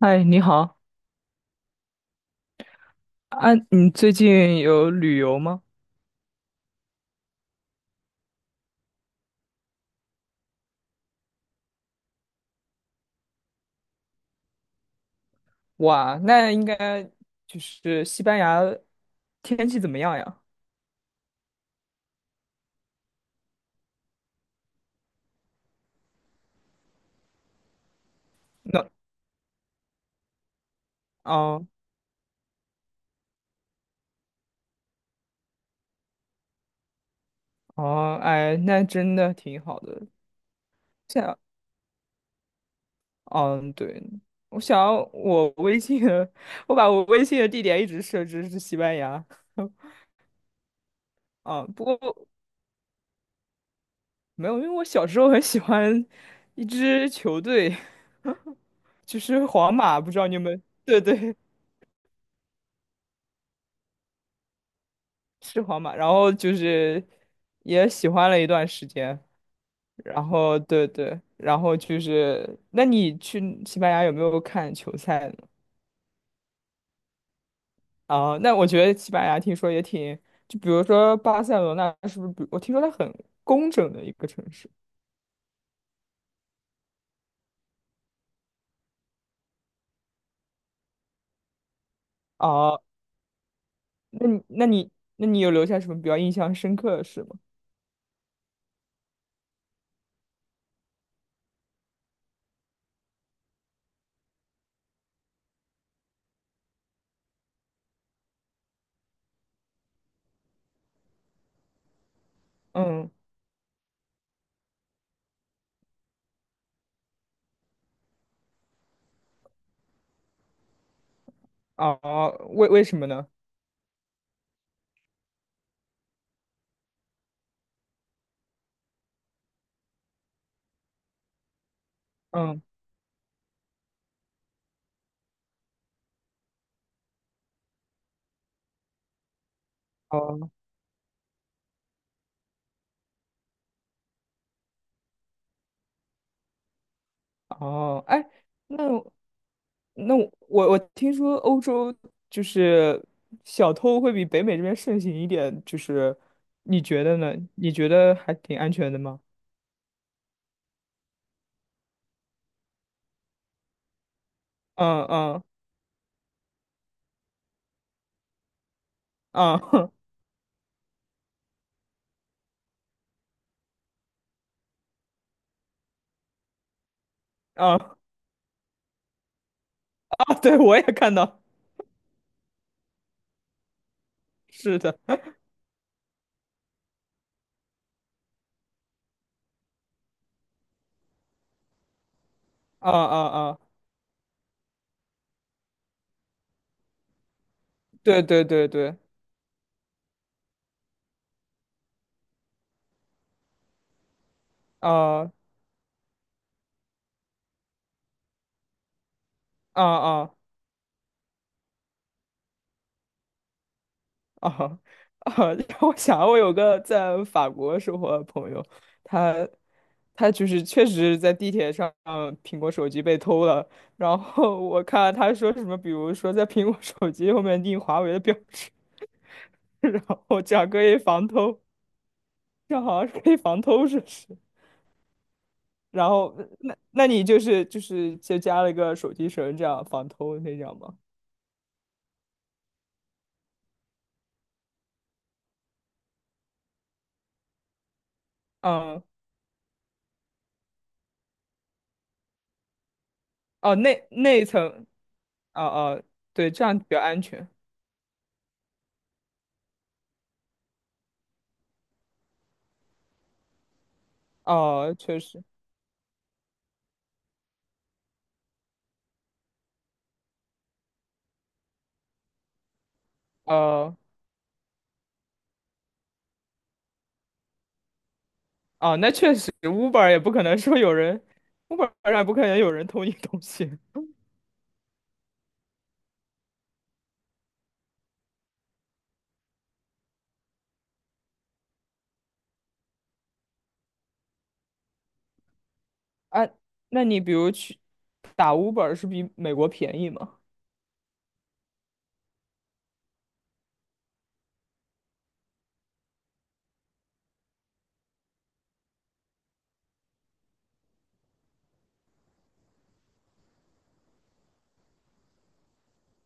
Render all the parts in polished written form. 嗨，你好啊！你最近有旅游吗？哇，那应该就是西班牙天气怎么样呀？那哦哦，哎，那真的挺好的。想，嗯，对，我想我微信的 我把我微信的地点一直设置是西班牙。啊，不过没有，因为我小时候很喜欢一支球队，就是皇马，不知道你们，对对，是皇马，然后就是也喜欢了一段时间，然后对对，然后就是，那你去西班牙有没有看球赛呢？啊、那我觉得西班牙听说也挺，就比如说巴塞罗那是不是比？我听说它很工整的一个城市。哦、那你那你那你有留下什么比较印象深刻的事吗？嗯，哦，为什么呢？嗯，哦。哦，哎，那那我听说欧洲就是小偷会比北美这边盛行一点，就是你觉得呢？你觉得还挺安全的吗？嗯嗯嗯 嗯啊！对，我也看到，是的，啊啊啊，对对对对，啊啊啊。嗯啊啊！让我想，我有个在法国生活的朋友，他他就是确实在地铁上苹果手机被偷了，然后我看他说什么，比如说在苹果手机后面印华为的标志，然后这样可以防偷，这样好像是可以防偷，是不是？然后那你就是就加了一个手机绳，这样防偷那样吗？嗯，哦，那一层，哦哦，对，这样比较安全。哦，确实。呃，啊，那确实，Uber 也不可能说有人，Uber 上也不可能有人偷你东西啊。那你比如去打 Uber 是比美国便宜吗？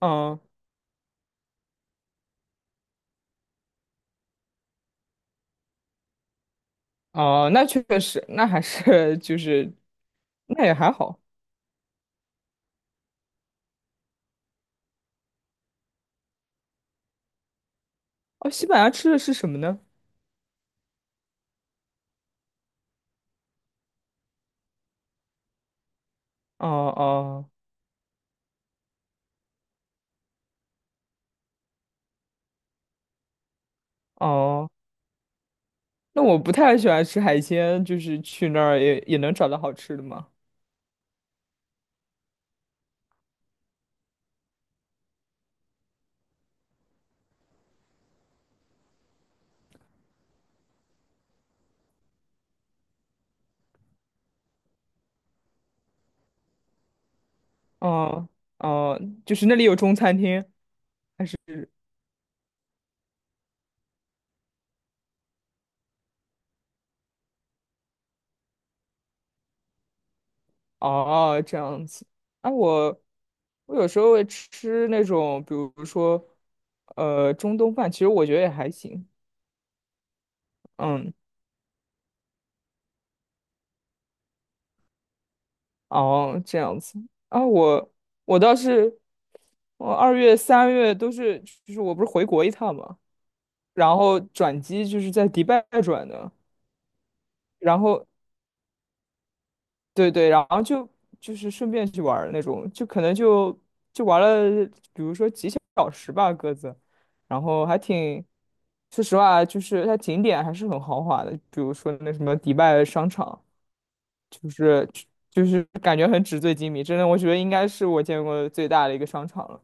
嗯，哦，那确实，那还是 就是，那也还好。哦，西班牙吃的是什么呢？哦哦哦，那我不太喜欢吃海鲜，就是去那儿也能找到好吃的吗？哦哦，就是那里有中餐厅，还哦，这样子。啊，我有时候会吃那种，比如说，中东饭，其实我觉得也还行。嗯，哦，这样子。啊，我倒是，我二月、三月都是，就是我不是回国一趟嘛，然后转机就是在迪拜转的，然后对对，然后就是顺便去玩儿那种，就可能就玩了，比如说几小时吧，各自，然后还挺，说实话，就是它景点还是很豪华的，比如说那什么迪拜商场，就是就是感觉很纸醉金迷，真的，我觉得应该是我见过最大的一个商场了。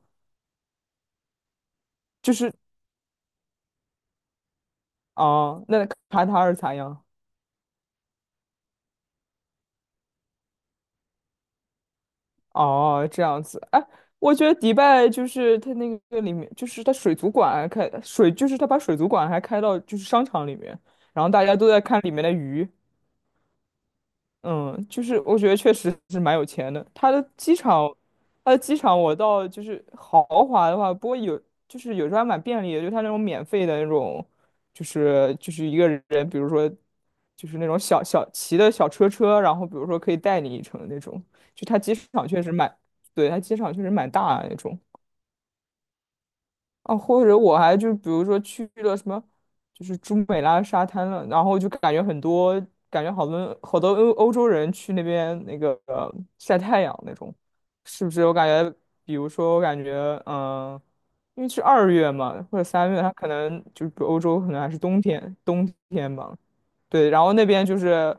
就是啊、那卡塔尔咋样？哦，这样子，哎，我觉得迪拜就是它那个里面，就是它水族馆开水，就是它把水族馆还开到就是商场里面，然后大家都在看里面的鱼。嗯，就是我觉得确实是蛮有钱的。它的机场我到就是豪华的话，不过就是有时候还蛮便利的，就它那种免费的那种，就是一个人，比如说就是那种小小骑的小车车，然后比如说可以带你一程那种，就它机场确实蛮，对，它机场确实蛮大的那种。啊，或者我还就比如说去了什么，就是朱美拉沙滩了，然后就感觉很多，感觉好多好多欧洲人去那边那个晒太阳那种，是不是？我感觉，比如说我感觉，嗯、因为是二月嘛，或者三月，它可能就是欧洲可能还是冬天，冬天嘛，对，然后那边就是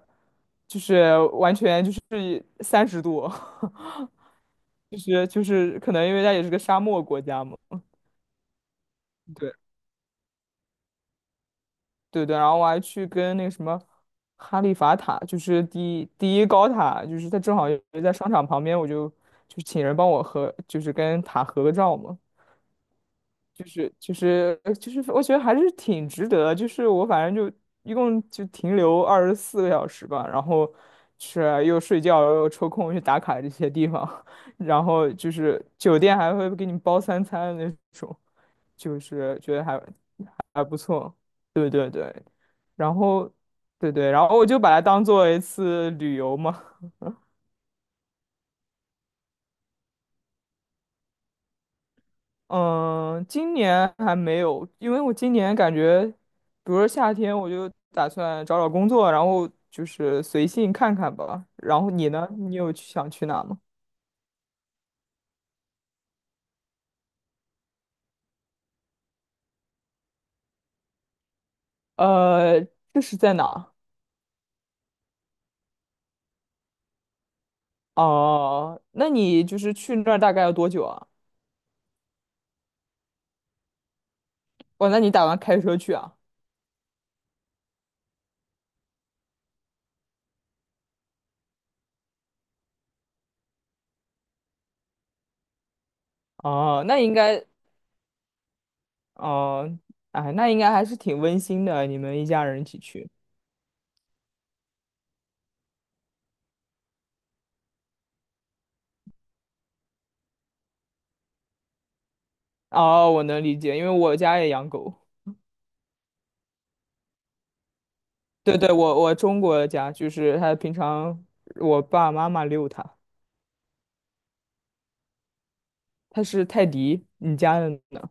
完全就是30度，就是可能因为它也是个沙漠国家嘛。对。对对，然后我还去跟那个什么哈利法塔，就是第一高塔，就是它正好也在商场旁边，我就请人帮我合，就是跟塔合个照嘛，就是，我觉得还是挺值得的就是我反正就一共就停留24个小时吧，然后是又睡觉又抽空去打卡这些地方，然后就是酒店还会给你包三餐那种，就是觉得还不错，对对对，然后对对，然后我就把它当做一次旅游嘛。嗯，今年还没有，因为我今年感觉，比如说夏天，我就打算找找工作，然后就是随性看看吧。然后你呢？你有去想去哪吗？呃，这是在哪？哦，那你就是去那儿大概要多久啊？哦，那你打算开车去啊？哦，那应该，哦，哎，那应该还是挺温馨的，你们一家人一起去。哦，我能理解，因为我家也养狗。对对，我中国的家就是它平常我爸爸妈妈遛它，它是泰迪。你家的呢？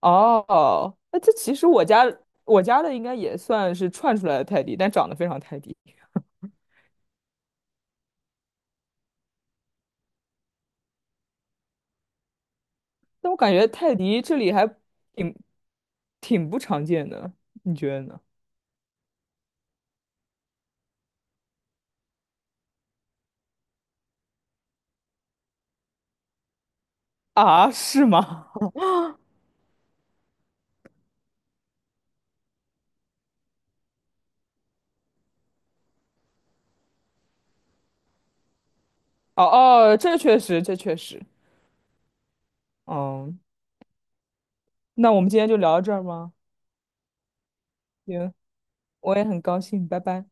哦，那这其实我家的应该也算是串出来的泰迪，但长得非常泰迪。但我感觉泰迪这里还挺挺不常见的，你觉得呢？啊，是吗？哦哦，这确实，这确实。嗯，那我们今天就聊到这儿吗？行，我也很高兴，拜拜。